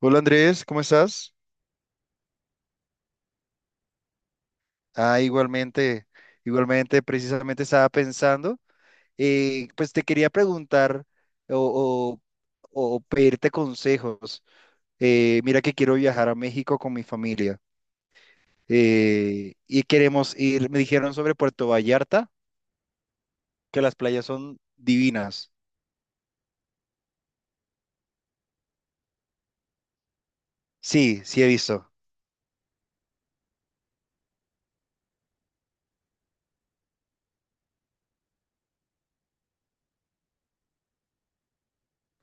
Hola Andrés, ¿cómo estás? Igualmente, igualmente, precisamente estaba pensando, pues te quería preguntar o, o pedirte consejos. Mira que quiero viajar a México con mi familia y queremos ir, me dijeron sobre Puerto Vallarta, que las playas son divinas. Sí, sí he visto.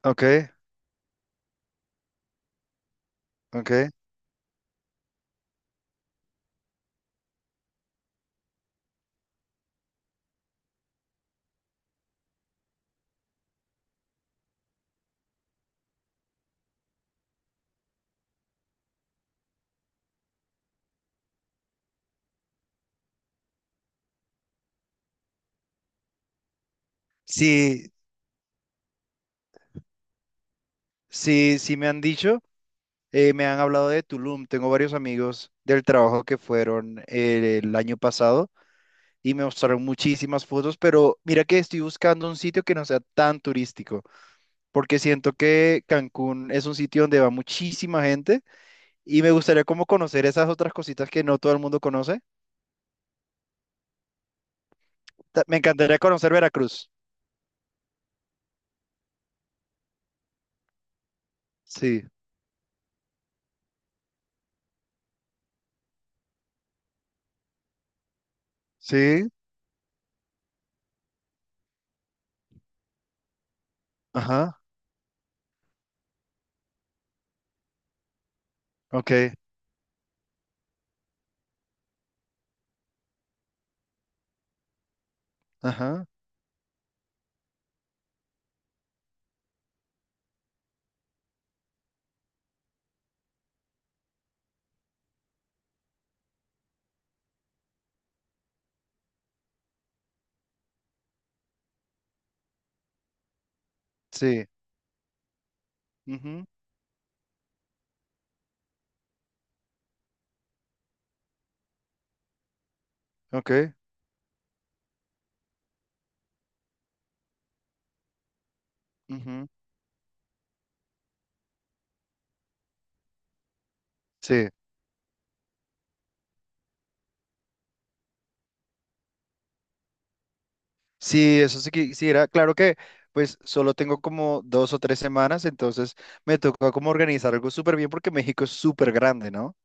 Ok, ok. Sí, sí, sí me han dicho. Me han hablado de Tulum, tengo varios amigos del trabajo que fueron el año pasado y me mostraron muchísimas fotos, pero mira que estoy buscando un sitio que no sea tan turístico, porque siento que Cancún es un sitio donde va muchísima gente y me gustaría como conocer esas otras cositas que no todo el mundo conoce. Me encantaría conocer Veracruz. Sí, sí, ajá, ok, ajá, sí, ujú, ok, ujú, sí. Sí, eso sí quisiera. Claro que pues solo tengo como dos o tres semanas, entonces me toca como organizar algo súper bien porque México es súper grande, ¿no?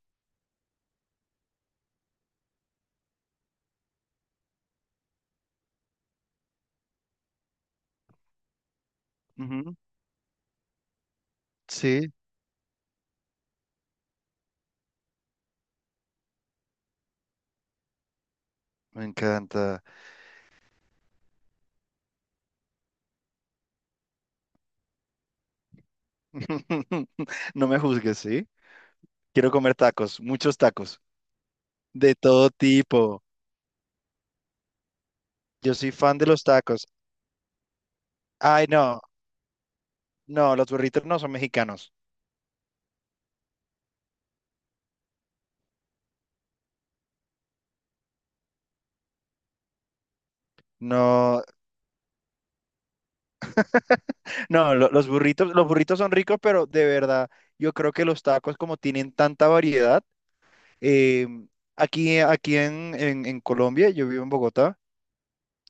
Ujú, sí, me encanta. No me juzgues, ¿sí? Quiero comer tacos, muchos tacos, de todo tipo. Yo soy fan de los tacos. Ay, no, no, los burritos no son mexicanos. No, no, los burritos, los burritos son ricos, pero de verdad, yo creo que los tacos como tienen tanta variedad. Eh, aquí en, en Colombia, yo vivo en Bogotá,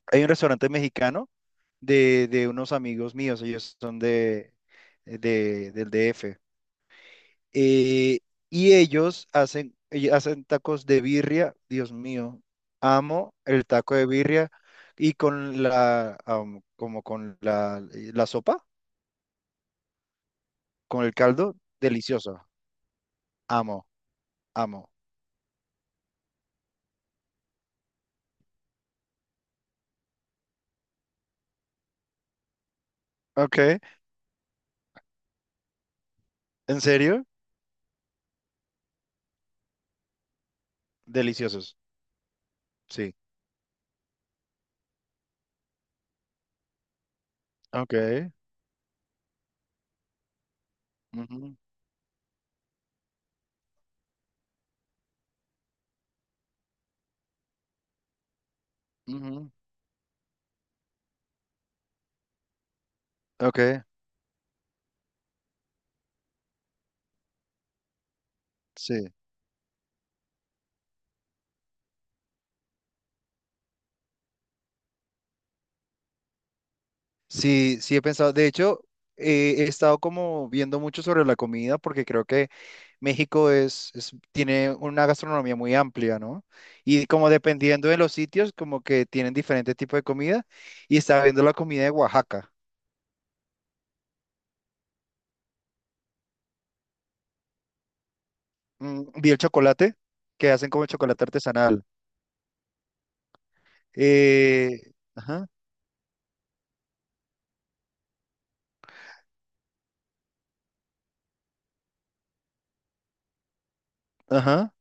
hay un restaurante mexicano de unos amigos míos, ellos son de, del DF. eh, y ellos hacen tacos de birria, Dios mío, amo el taco de birria y con la, como con la, la sopa, con el caldo, delicioso, amo, amo. Ok, ¿en serio? Deliciosos, sí. Ok. Ujú, ok, sí. Sí, sí he pensado. De hecho, he estado como viendo mucho sobre la comida porque creo que México es, tiene una gastronomía muy amplia, ¿no? Y como dependiendo de los sitios, como que tienen diferente tipo de comida. Y estaba viendo la comida de Oaxaca. Mm, vi el chocolate, que hacen como chocolate artesanal. Ajá, ajá.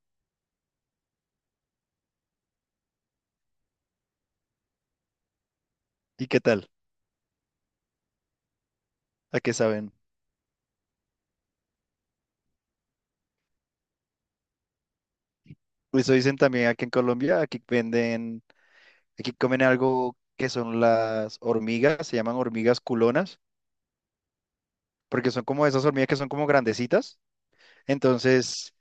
¿Y qué tal? ¿A qué saben? Eso dicen también aquí en Colombia, aquí venden. Aquí comen algo que son las hormigas, se llaman hormigas culonas, porque son como esas hormigas que son como grandecitas. Entonces,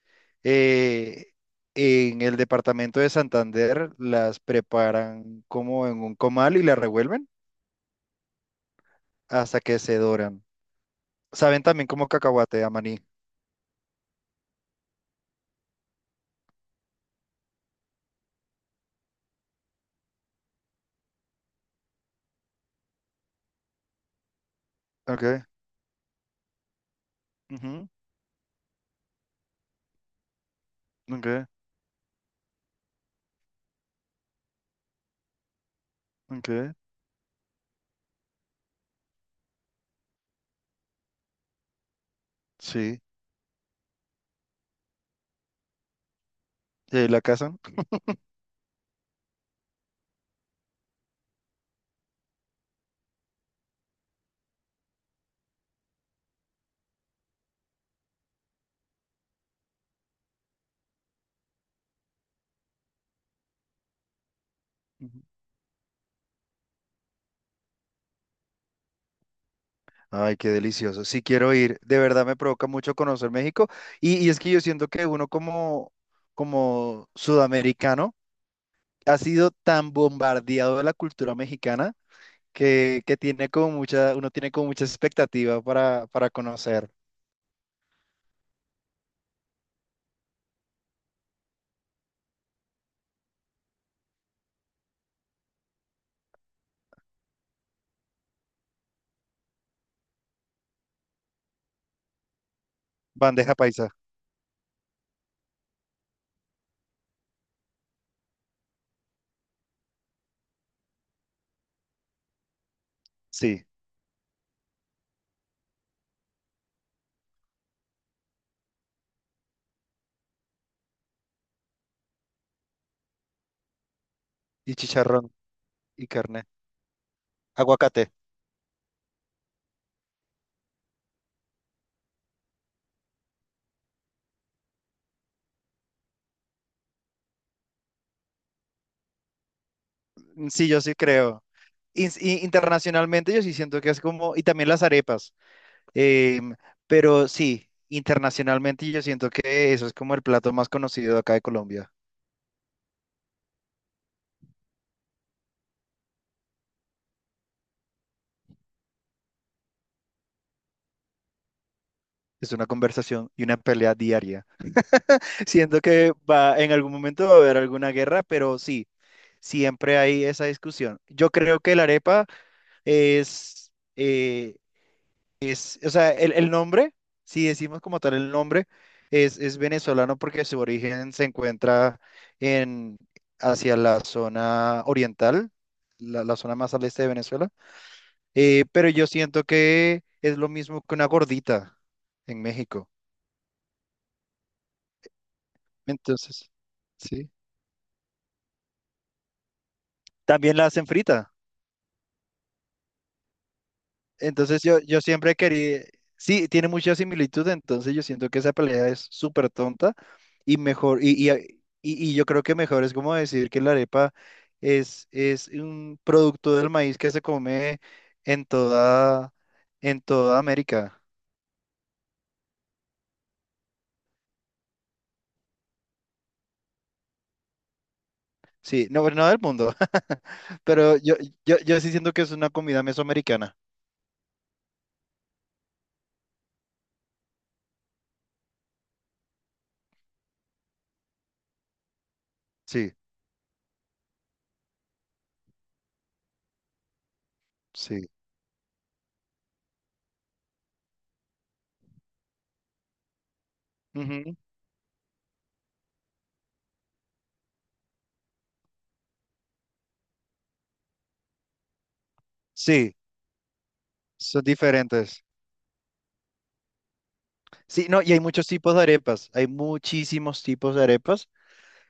eh, en el departamento de Santander las preparan como en un comal y las revuelven hasta que se doran. Saben también como cacahuate, a maní. Okay, ujú, ok, ok, sí. ¿Y ahí la cazan? Ay, qué delicioso. Sí quiero ir. De verdad me provoca mucho conocer México. Y es que yo siento que uno como, como sudamericano ha sido tan bombardeado de la cultura mexicana que tiene como mucha, uno tiene como mucha expectativa para conocer. Bandeja paisa, sí. Y chicharrón y carne. Aguacate. Mm, sí, yo sí creo. Y internacionalmente yo sí siento que es como, y también las arepas. Em, pero sí, internacionalmente yo siento que eso es como el plato más conocido acá de Colombia. Es una conversación y una pelea diaria. Siento que va, en algún momento va a haber alguna guerra, pero sí, siempre hay esa discusión. Yo creo que la arepa es, eh, es, o sea, el nombre, si decimos como tal el nombre, es venezolano porque su origen se encuentra en, hacia la zona oriental, la zona más al este de Venezuela. Pero yo siento que es lo mismo que una gordita en México. Entonces, sí. También la hacen frita. Entonces yo siempre quería, sí, tiene mucha similitud, entonces yo siento que esa pelea es súper tonta y mejor, y, y yo creo que mejor es como decir que la arepa es un producto del maíz que se come en toda, en toda América. Sí, no, no del mundo, pero yo sí siento que es una comida mesoamericana. Sí, sí. Ujú. Sí, son diferentes. Sí, no, y hay muchos tipos de arepas. Hay muchísimos tipos de arepas.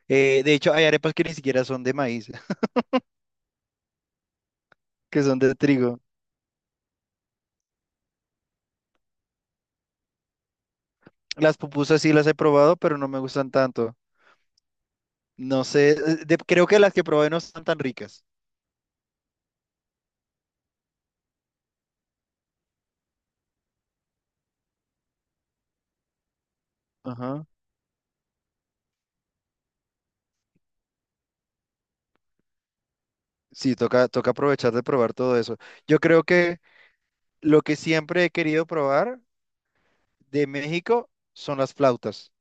De hecho, hay arepas que ni siquiera son de maíz, que son de trigo. Las pupusas sí las he probado, pero no me gustan tanto. No sé, creo que las que probé no están tan ricas. Ajá. Sí, toca, toca aprovechar de probar todo eso. Yo creo que lo que siempre he querido probar de México son las flautas.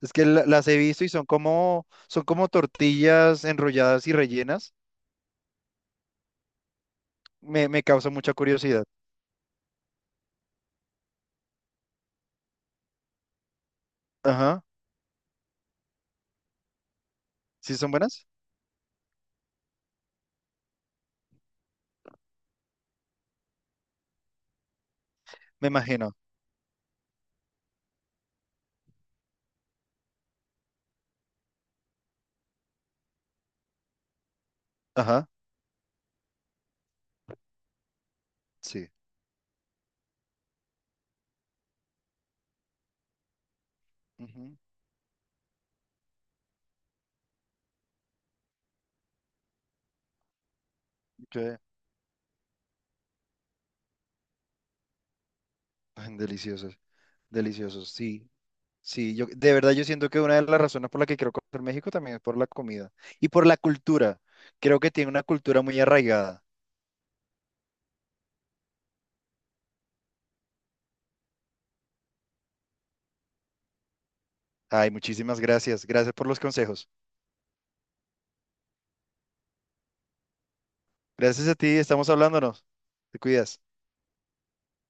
Es que las he visto y son como tortillas enrolladas y rellenas. Me causa mucha curiosidad. Ajá. ¿Sí son buenas? Me imagino. Ajá. Sí. Ujú. Ok. Ay, deliciosos. Deliciosos. Sí. Sí. Yo, de verdad, yo siento que una de las razones por la que quiero conocer México también es por la comida y por la cultura. Creo que tiene una cultura muy arraigada. Ay, muchísimas gracias. Gracias por los consejos. Gracias a ti. Estamos hablándonos. Te cuidas.